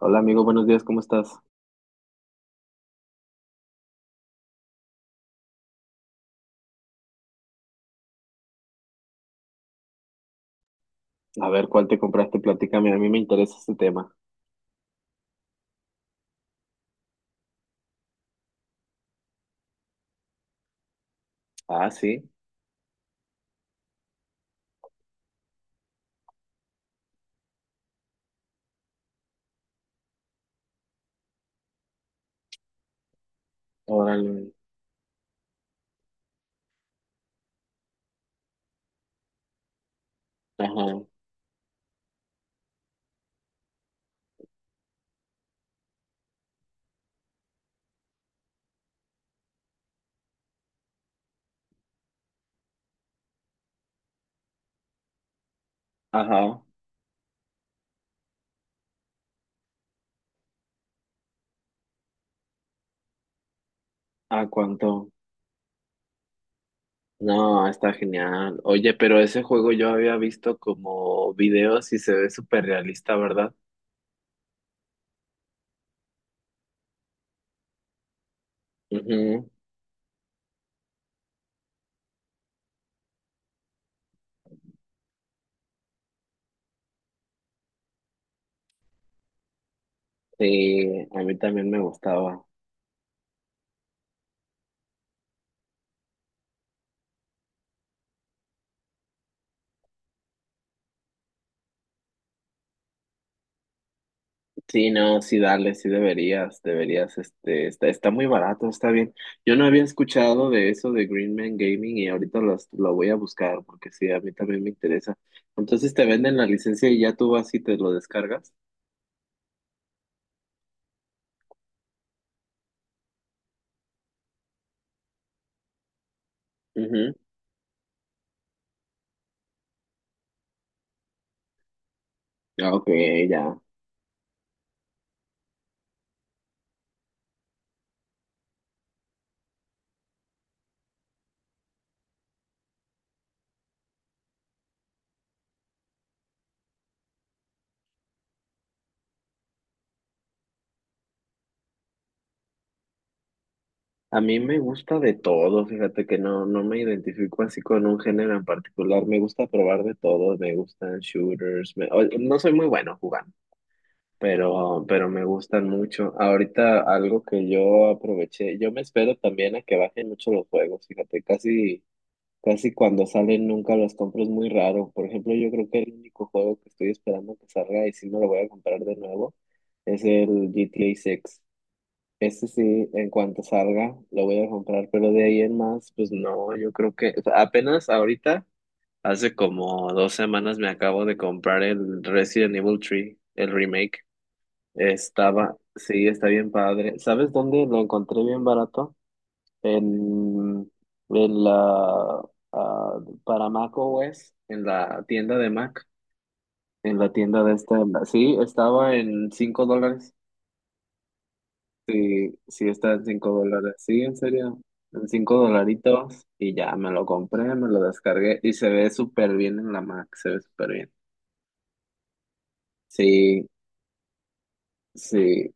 Hola amigo, buenos días, ¿cómo estás? A ver, ¿cuál te compraste? Platícame, a mí me interesa este tema. Ah, sí, órale. Ajá, ajá. ¿A cuánto? No, está genial. Oye, pero ese juego yo había visto como videos y se ve súper realista, ¿verdad? Ujú. Sí, a mí también me gustaba. Sí, no, sí, dale, sí deberías, deberías, este, está muy barato, está bien. Yo no había escuchado de eso de Green Man Gaming y ahorita lo voy a buscar porque sí, a mí también me interesa. Entonces te venden la licencia y ya tú vas y te lo descargas. Ujú. Ah, Ok, ya. A mí me gusta de todo, fíjate que no, no me identifico así con un género en particular, me gusta probar de todo, me gustan shooters, no soy muy bueno jugando. Pero me gustan mucho. Ahorita algo que yo aproveché, yo me espero también a que bajen mucho los juegos, fíjate, casi, casi cuando salen nunca los compro, es muy raro. Por ejemplo, yo creo que el único juego que estoy esperando que salga y sí me lo voy a comprar de nuevo es el GTA 6. Ese sí, en cuanto salga, lo voy a comprar, pero de ahí en más, pues no, yo creo que o sea, apenas ahorita, hace como 2 semanas me acabo de comprar el Resident Evil 3, el remake. Estaba, sí, está bien padre. ¿Sabes dónde lo encontré bien barato? En, en la, ah, para Mac o OS, en la tienda de Mac, en la tienda de esta, sí, estaba en $5. Sí, sí, está en $5. Sí, en serio, en cinco dolaritos. Y ya me lo compré, me lo descargué y se ve súper bien en la Mac, se ve súper bien. Sí, sí.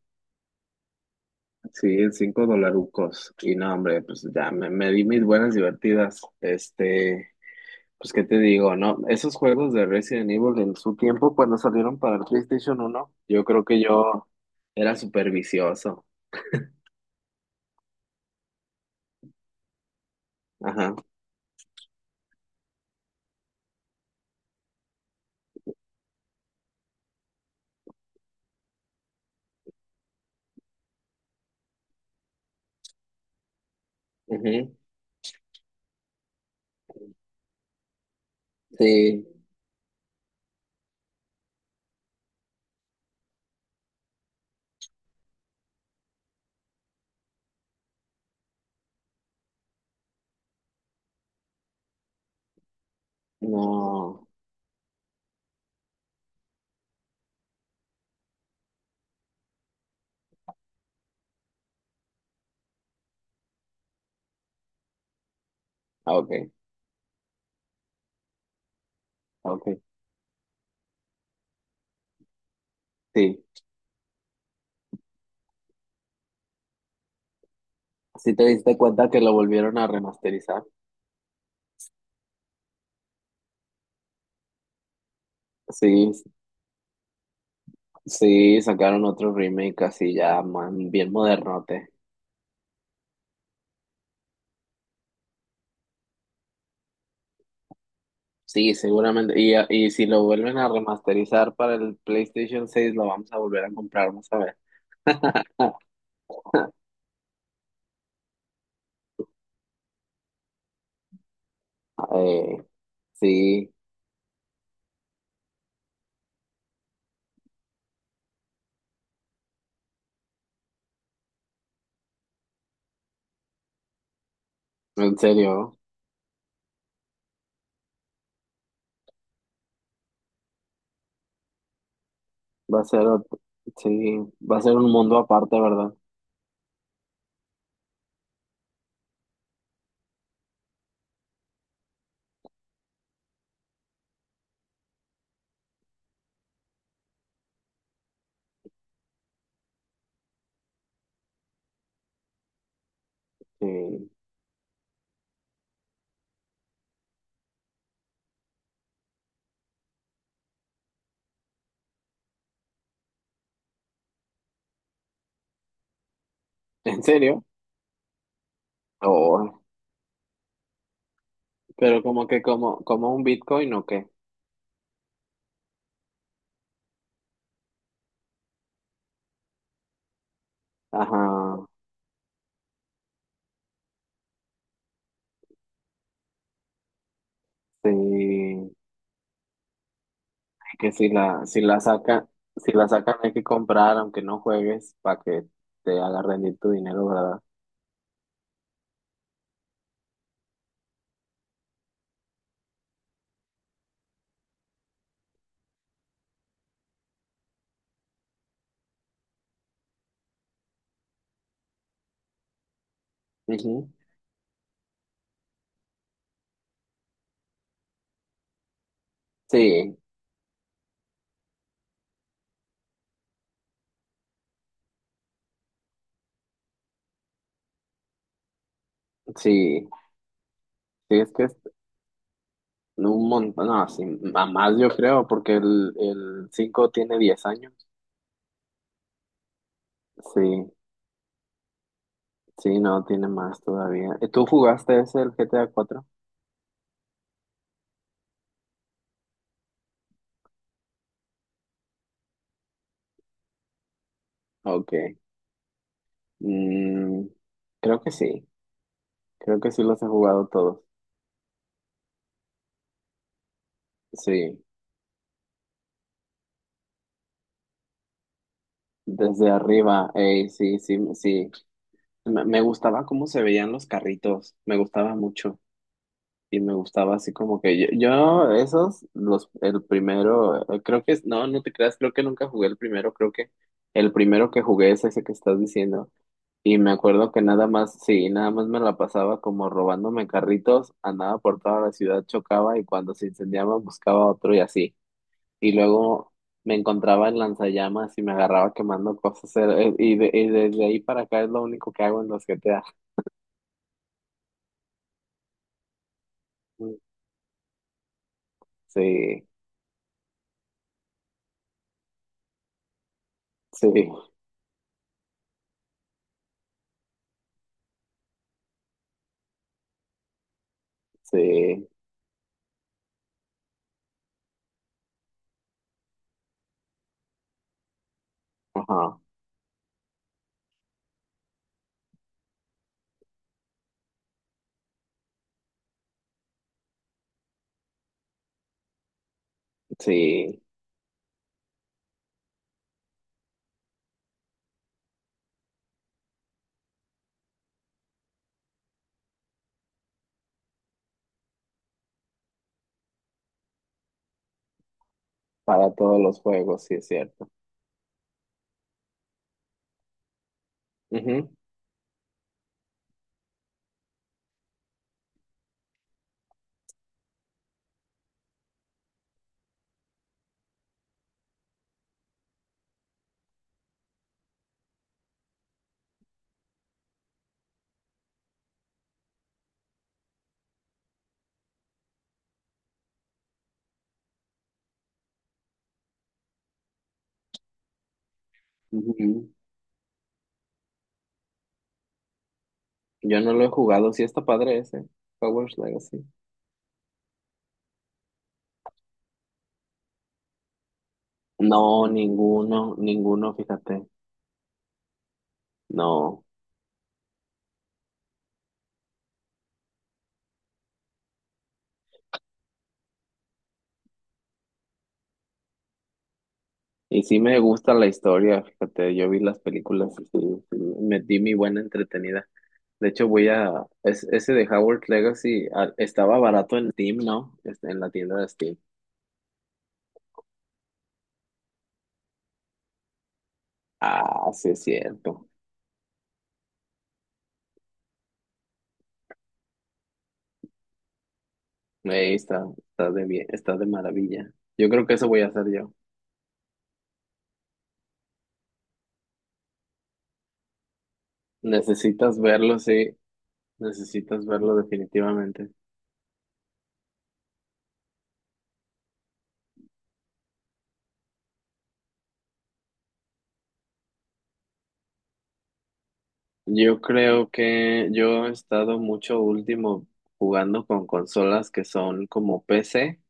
Sí, cinco dolarucos. Y no, hombre, pues ya me di mis buenas divertidas. Este, pues qué te digo, ¿no? Esos juegos de Resident Evil en su tiempo, cuando salieron para el PlayStation 1, yo creo que yo era súper vicioso. Ajá. Ujú. Sí, no. Ah, ok, ah, ok. Sí. ¿Sí te diste cuenta que lo volvieron a remasterizar? Sí, sí, sacaron otro remake así ya, man, bien modernote. Sí, seguramente. Y si lo vuelven a remasterizar para el PlayStation 6 lo vamos a volver a comprar, vamos a ver. Eh, sí, en serio, va a ser, ot- sí, va a ser un mundo aparte, ¿verdad? Sí, en serio. Oh, pero como que como un Bitcoin o qué. Ajá, sí, que si la sacan hay que comprar, aunque no juegues, para que te haga rendir tu dinero, ¿verdad? Ujú. Sí, sí. Sí, es que no, un montón, no, sí, a más yo creo, porque el 5 tiene 10 años. Sí, sí, no, tiene más todavía. ¿Tú jugaste ese, el GTA 4? Ok. Mm, creo que sí, creo que sí los he jugado todos. Sí, desde arriba, ey, sí, sí, sí. Me gustaba cómo se veían los carritos, me gustaba mucho. Y me gustaba así como que yo esos, los, el primero, creo que es, no, no te creas, creo que nunca jugué el primero, creo que el primero que jugué es ese que estás diciendo. Y me acuerdo que nada más, sí, nada más me la pasaba como robándome carritos, andaba por toda la ciudad, chocaba y cuando se incendiaba buscaba otro y así. Y luego me encontraba en lanzallamas y me agarraba quemando cosas. Y desde ahí para acá es lo único que hago en los GTA. Sí, sí, sí. Ajá. Sí, para todos los juegos, sí es cierto. Ujú, ujú. Yo no lo he jugado, sí está padre ese, Hogwarts Legacy. No, ninguno, ninguno, fíjate, no. Y sí me gusta la historia, fíjate, yo vi las películas y sí, sí, me di mi buena entretenida. De hecho, ese de Hogwarts Legacy, estaba barato en Steam, ¿no? Este, en la tienda de Steam. Ah, sí es cierto. Ahí está, está de bien, está de maravilla. Yo creo que eso voy a hacer yo. Necesitas verlo, sí, necesitas verlo definitivamente. Yo creo que yo he estado mucho último jugando con consolas que son como PC,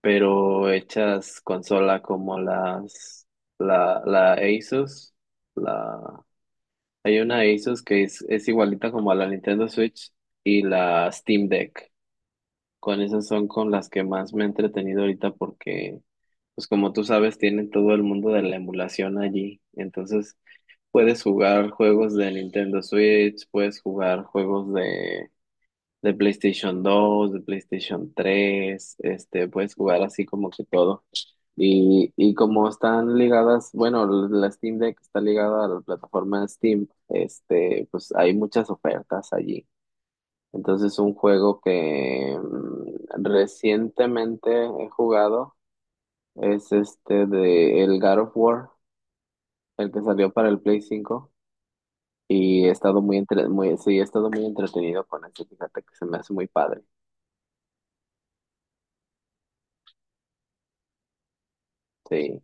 pero hechas consola como la Asus, la, hay una Asus que es igualita como a la Nintendo Switch y la Steam Deck. Con esas son con las que más me he entretenido ahorita porque, pues como tú sabes, tienen todo el mundo de la emulación allí. Entonces, puedes jugar juegos de Nintendo Switch, puedes jugar juegos de PlayStation 2, de PlayStation 3, este, puedes jugar así como que todo. Y como están ligadas, bueno, la Steam Deck está ligada a la plataforma de Steam, este, pues hay muchas ofertas allí. Entonces, un juego que recientemente he jugado es este de el God of War, el que salió para el Play 5. Y he estado muy, muy, sí, he estado muy entretenido con eso, fíjate que se me hace muy padre. Sí,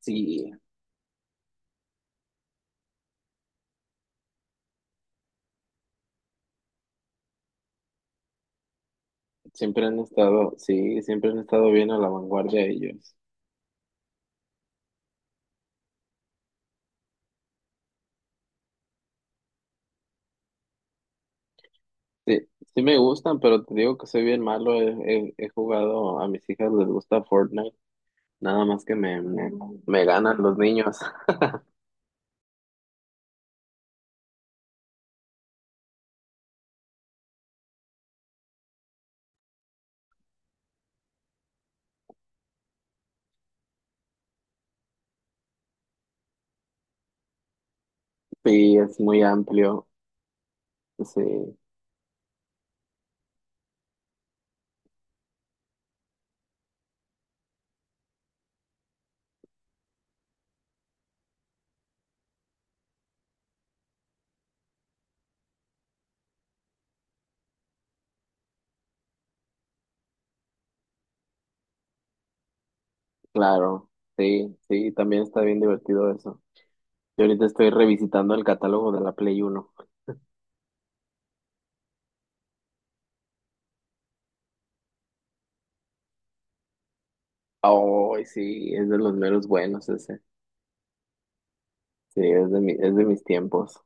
sí, siempre han estado, sí, siempre han estado bien a la vanguardia ellos. Sí, sí me gustan, pero te digo que soy bien malo. He jugado, a mis hijas les gusta Fortnite, nada más que me ganan los niños. Sí, es muy amplio. Sí, claro. Sí, sí, también está bien divertido eso. Yo ahorita estoy revisitando el catálogo de la Play 1. Ay, sí, es de los meros buenos ese. Sí, es de mis tiempos.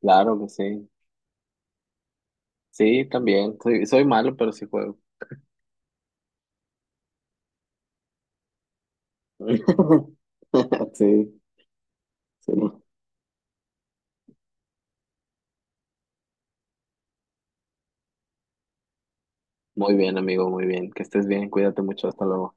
Claro que sí. Sí, también. Soy malo, pero sí juego. Sí, sí. Muy bien, amigo, muy bien. Que estés bien, cuídate mucho, hasta luego.